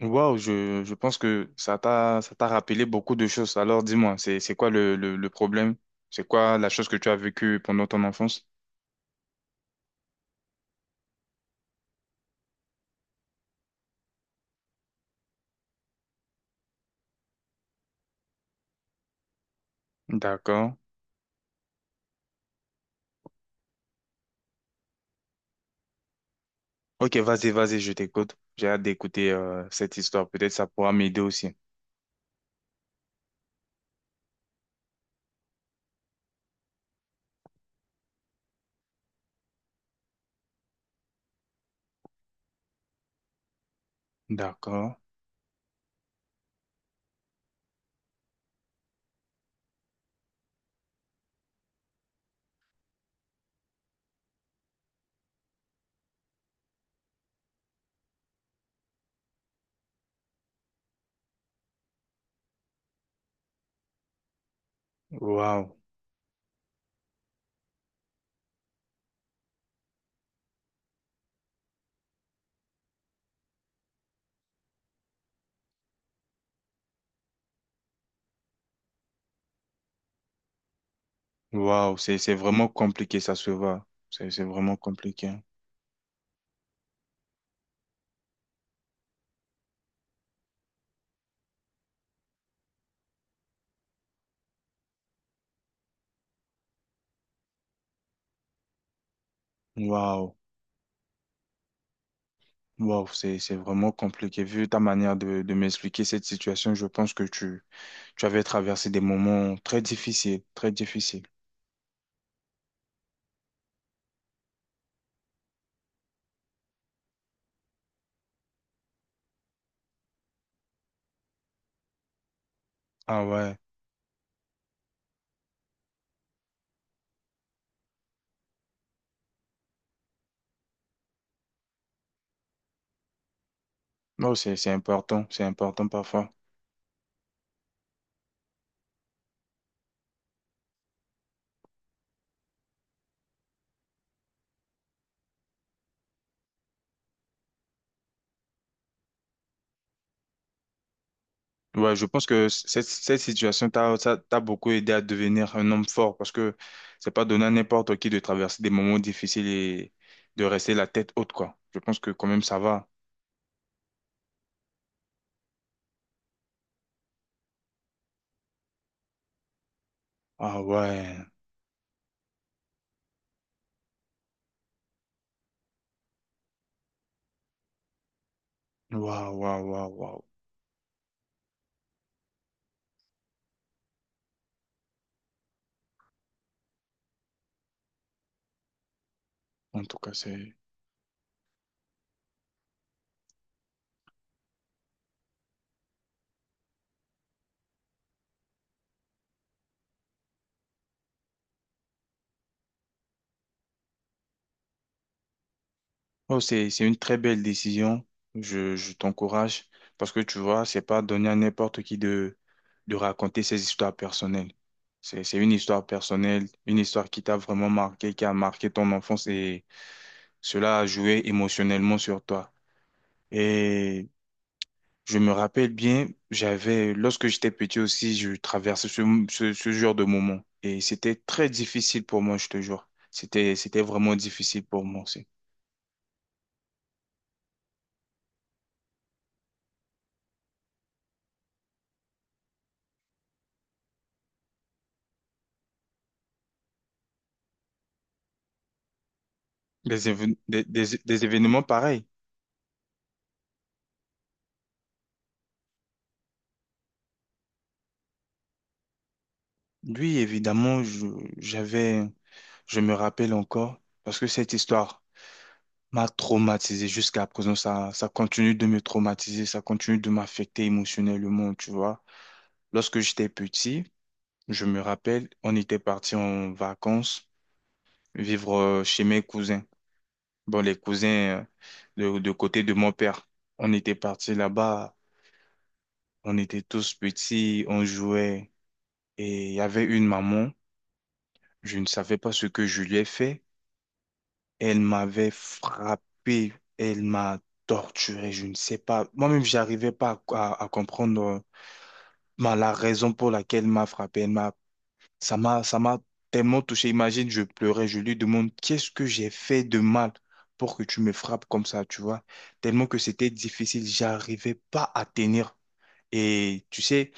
Waouh, je pense que ça t'a rappelé beaucoup de choses. Alors dis-moi, c'est quoi le problème? C'est quoi la chose que tu as vécue pendant ton enfance? D'accord. Ok, vas-y, je t'écoute. J'ai hâte d'écouter cette histoire. Peut-être ça pourra m'aider aussi. D'accord. Waouh. Waouh, c'est vraiment compliqué, ça se voit. C'est vraiment compliqué. Waouh. Waouh, c'est vraiment compliqué. Vu ta manière de m'expliquer cette situation, je pense que tu avais traversé des moments très difficiles, très difficiles. Ah ouais, non, c'est important, c'est important parfois. Ouais, je pense que cette situation t'a ça t'a beaucoup aidé à devenir un homme fort parce que c'est pas donné à n'importe qui de traverser des moments difficiles et de rester la tête haute, quoi. Je pense que quand même ça va. Ah ouais, waouh, waouh, waouh, waouh. En tout cas, c'est. Oh, c'est une très belle décision. Je t'encourage parce que tu vois, c'est pas donné à n'importe qui de raconter ses histoires personnelles. C'est une histoire personnelle, une histoire qui t'a vraiment marqué, qui a marqué ton enfance et cela a joué émotionnellement sur toi. Et je me rappelle bien, j'avais, lorsque j'étais petit aussi, je traversais ce genre de moment et c'était très difficile pour moi, je te jure. C'était vraiment difficile pour moi aussi. Des événements pareils. Lui, évidemment, j'avais, je me rappelle encore, parce que cette histoire m'a traumatisé jusqu'à présent. Ça continue de me traumatiser, ça continue de m'affecter émotionnellement, tu vois. Lorsque j'étais petit, je me rappelle, on était parti en vacances vivre chez mes cousins. Bon, les cousins de côté de mon père. On était parti là-bas, on était tous petits, on jouait, et il y avait une maman. Je ne savais pas ce que je lui ai fait. Elle m'avait frappé, elle m'a torturé, je ne sais pas. Moi-même, j'arrivais pas à comprendre ben, la raison pour laquelle elle m'a frappé. Elle m'a, ça m'a tellement touché. Imagine, je pleurais, je lui demande, qu'est-ce que j'ai fait de mal pour que tu me frappes comme ça, tu vois? Tellement que c'était difficile, j'arrivais pas à tenir. Et tu sais,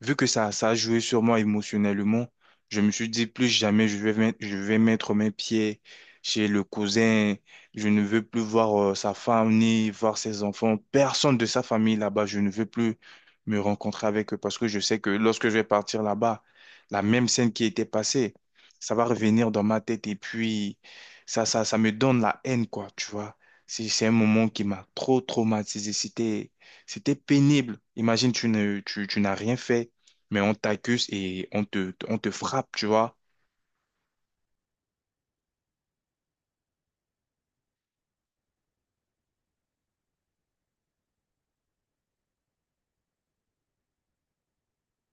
vu que ça a joué sur moi émotionnellement, je me suis dit plus jamais je vais mettre mes pieds chez le cousin. Je ne veux plus voir sa femme ni voir ses enfants. Personne de sa famille là-bas. Je ne veux plus me rencontrer avec eux parce que je sais que lorsque je vais partir là-bas, la même scène qui était passée, ça va revenir dans ma tête et puis ça me donne la haine, quoi, tu vois. C'est un moment qui m'a trop traumatisé. C'était pénible. Imagine, tu ne, tu tu n'as rien fait mais on t'accuse et on te frappe, tu vois.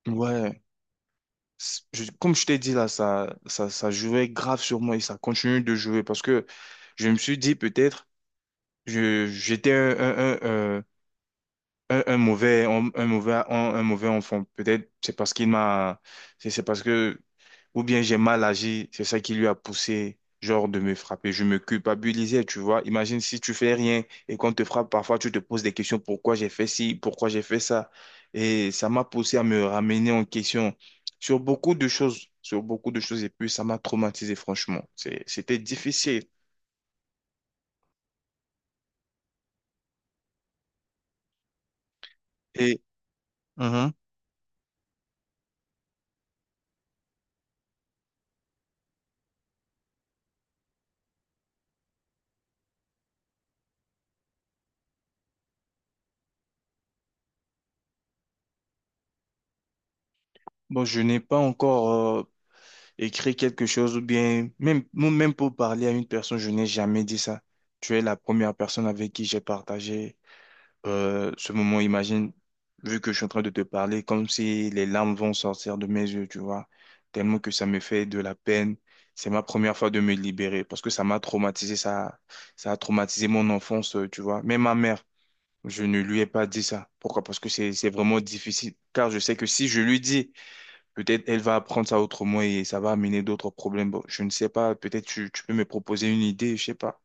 Ouais, comme je t'ai dit là, ça jouait grave sur moi et ça continue de jouer parce que je me suis dit peut-être, j'étais un mauvais, un mauvais, un mauvais enfant. Peut-être c'est parce que, ou bien j'ai mal agi, c'est ça qui lui a poussé, genre, de me frapper. Je me culpabilisais, tu vois. Imagine si tu fais rien et qu'on te frappe, parfois tu te poses des questions, pourquoi j'ai fait ci, pourquoi j'ai fait ça. Et ça m'a poussé à me ramener en question sur beaucoup de choses, sur beaucoup de choses. Et puis ça m'a traumatisé, franchement. C'était difficile. Et mhm. Bon, je n'ai pas encore euh, écrire quelque chose ou bien même pour parler à une personne, je n'ai jamais dit ça. Tu es la première personne avec qui j'ai partagé ce moment. Imagine, vu que je suis en train de te parler, comme si les larmes vont sortir de mes yeux, tu vois, tellement que ça me fait de la peine. C'est ma première fois de me libérer parce que ça m'a traumatisé, ça a traumatisé mon enfance, tu vois. Même ma mère, je ne lui ai pas dit ça. Pourquoi? Parce que c'est vraiment difficile. Car je sais que si je lui dis, peut-être elle va apprendre ça autrement et ça va amener d'autres problèmes. Bon, je ne sais pas. Peut-être tu peux me proposer une idée, je sais pas.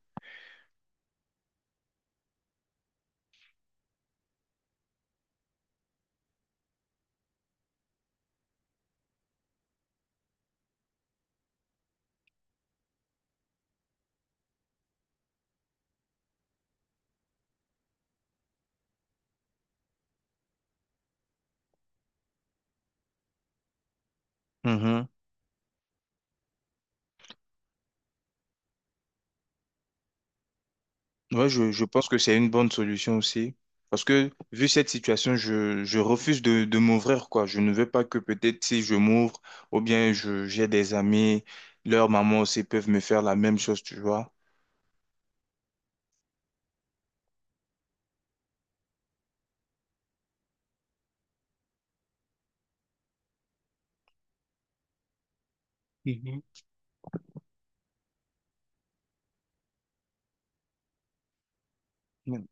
Mhm. Ouais, je pense que c'est une bonne solution aussi. Parce que vu cette situation, je refuse de m'ouvrir, quoi. Je ne veux pas que peut-être si je m'ouvre ou bien j'ai des amis, leurs mamans aussi peuvent me faire la même chose, tu vois. Mhm. Mm.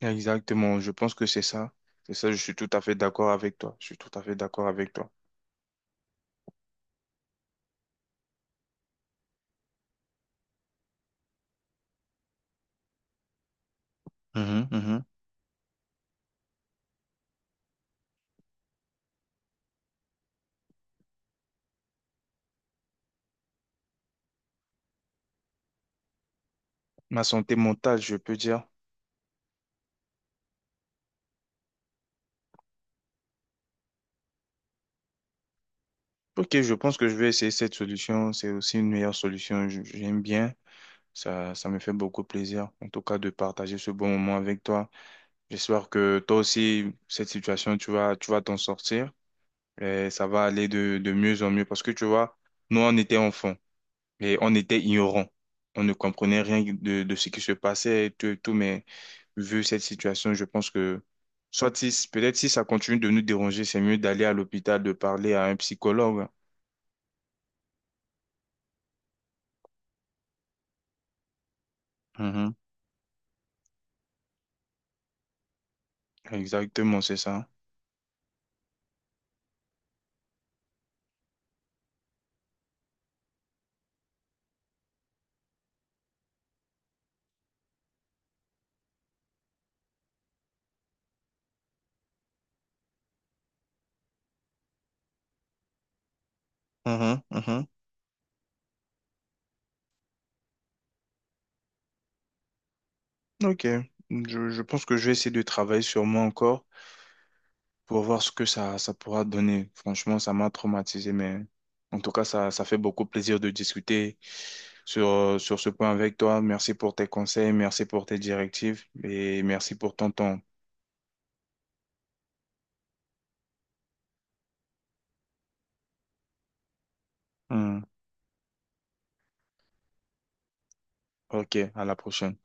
Exactement. Je pense que c'est ça. C'est ça, je suis tout à fait d'accord avec toi. Je suis tout à fait d'accord avec toi. Mhm, mhm. Ma santé mentale, je peux dire. Ok, je pense que je vais essayer cette solution. C'est aussi une meilleure solution. J'aime bien. Ça me fait beaucoup plaisir, en tout cas, de partager ce bon moment avec toi. J'espère que toi aussi, cette situation, tu vas t'en sortir et ça va aller de mieux en mieux parce que tu vois, nous, on était enfants et on était ignorants. On ne comprenait rien de ce qui se passait et tout, mais vu cette situation, je pense que soit si, peut-être si ça continue de nous déranger, c'est mieux d'aller à l'hôpital, de parler à un psychologue. Mhm. Exactement, c'est ça. Mhm, mhm. Ok. Je pense que je vais essayer de travailler sur moi encore pour voir ce que ça pourra donner. Franchement, ça m'a traumatisé, mais en tout cas, ça fait beaucoup plaisir de discuter sur, sur ce point avec toi. Merci pour tes conseils, merci pour tes directives et merci pour ton temps. Hmm. Ok, à la prochaine.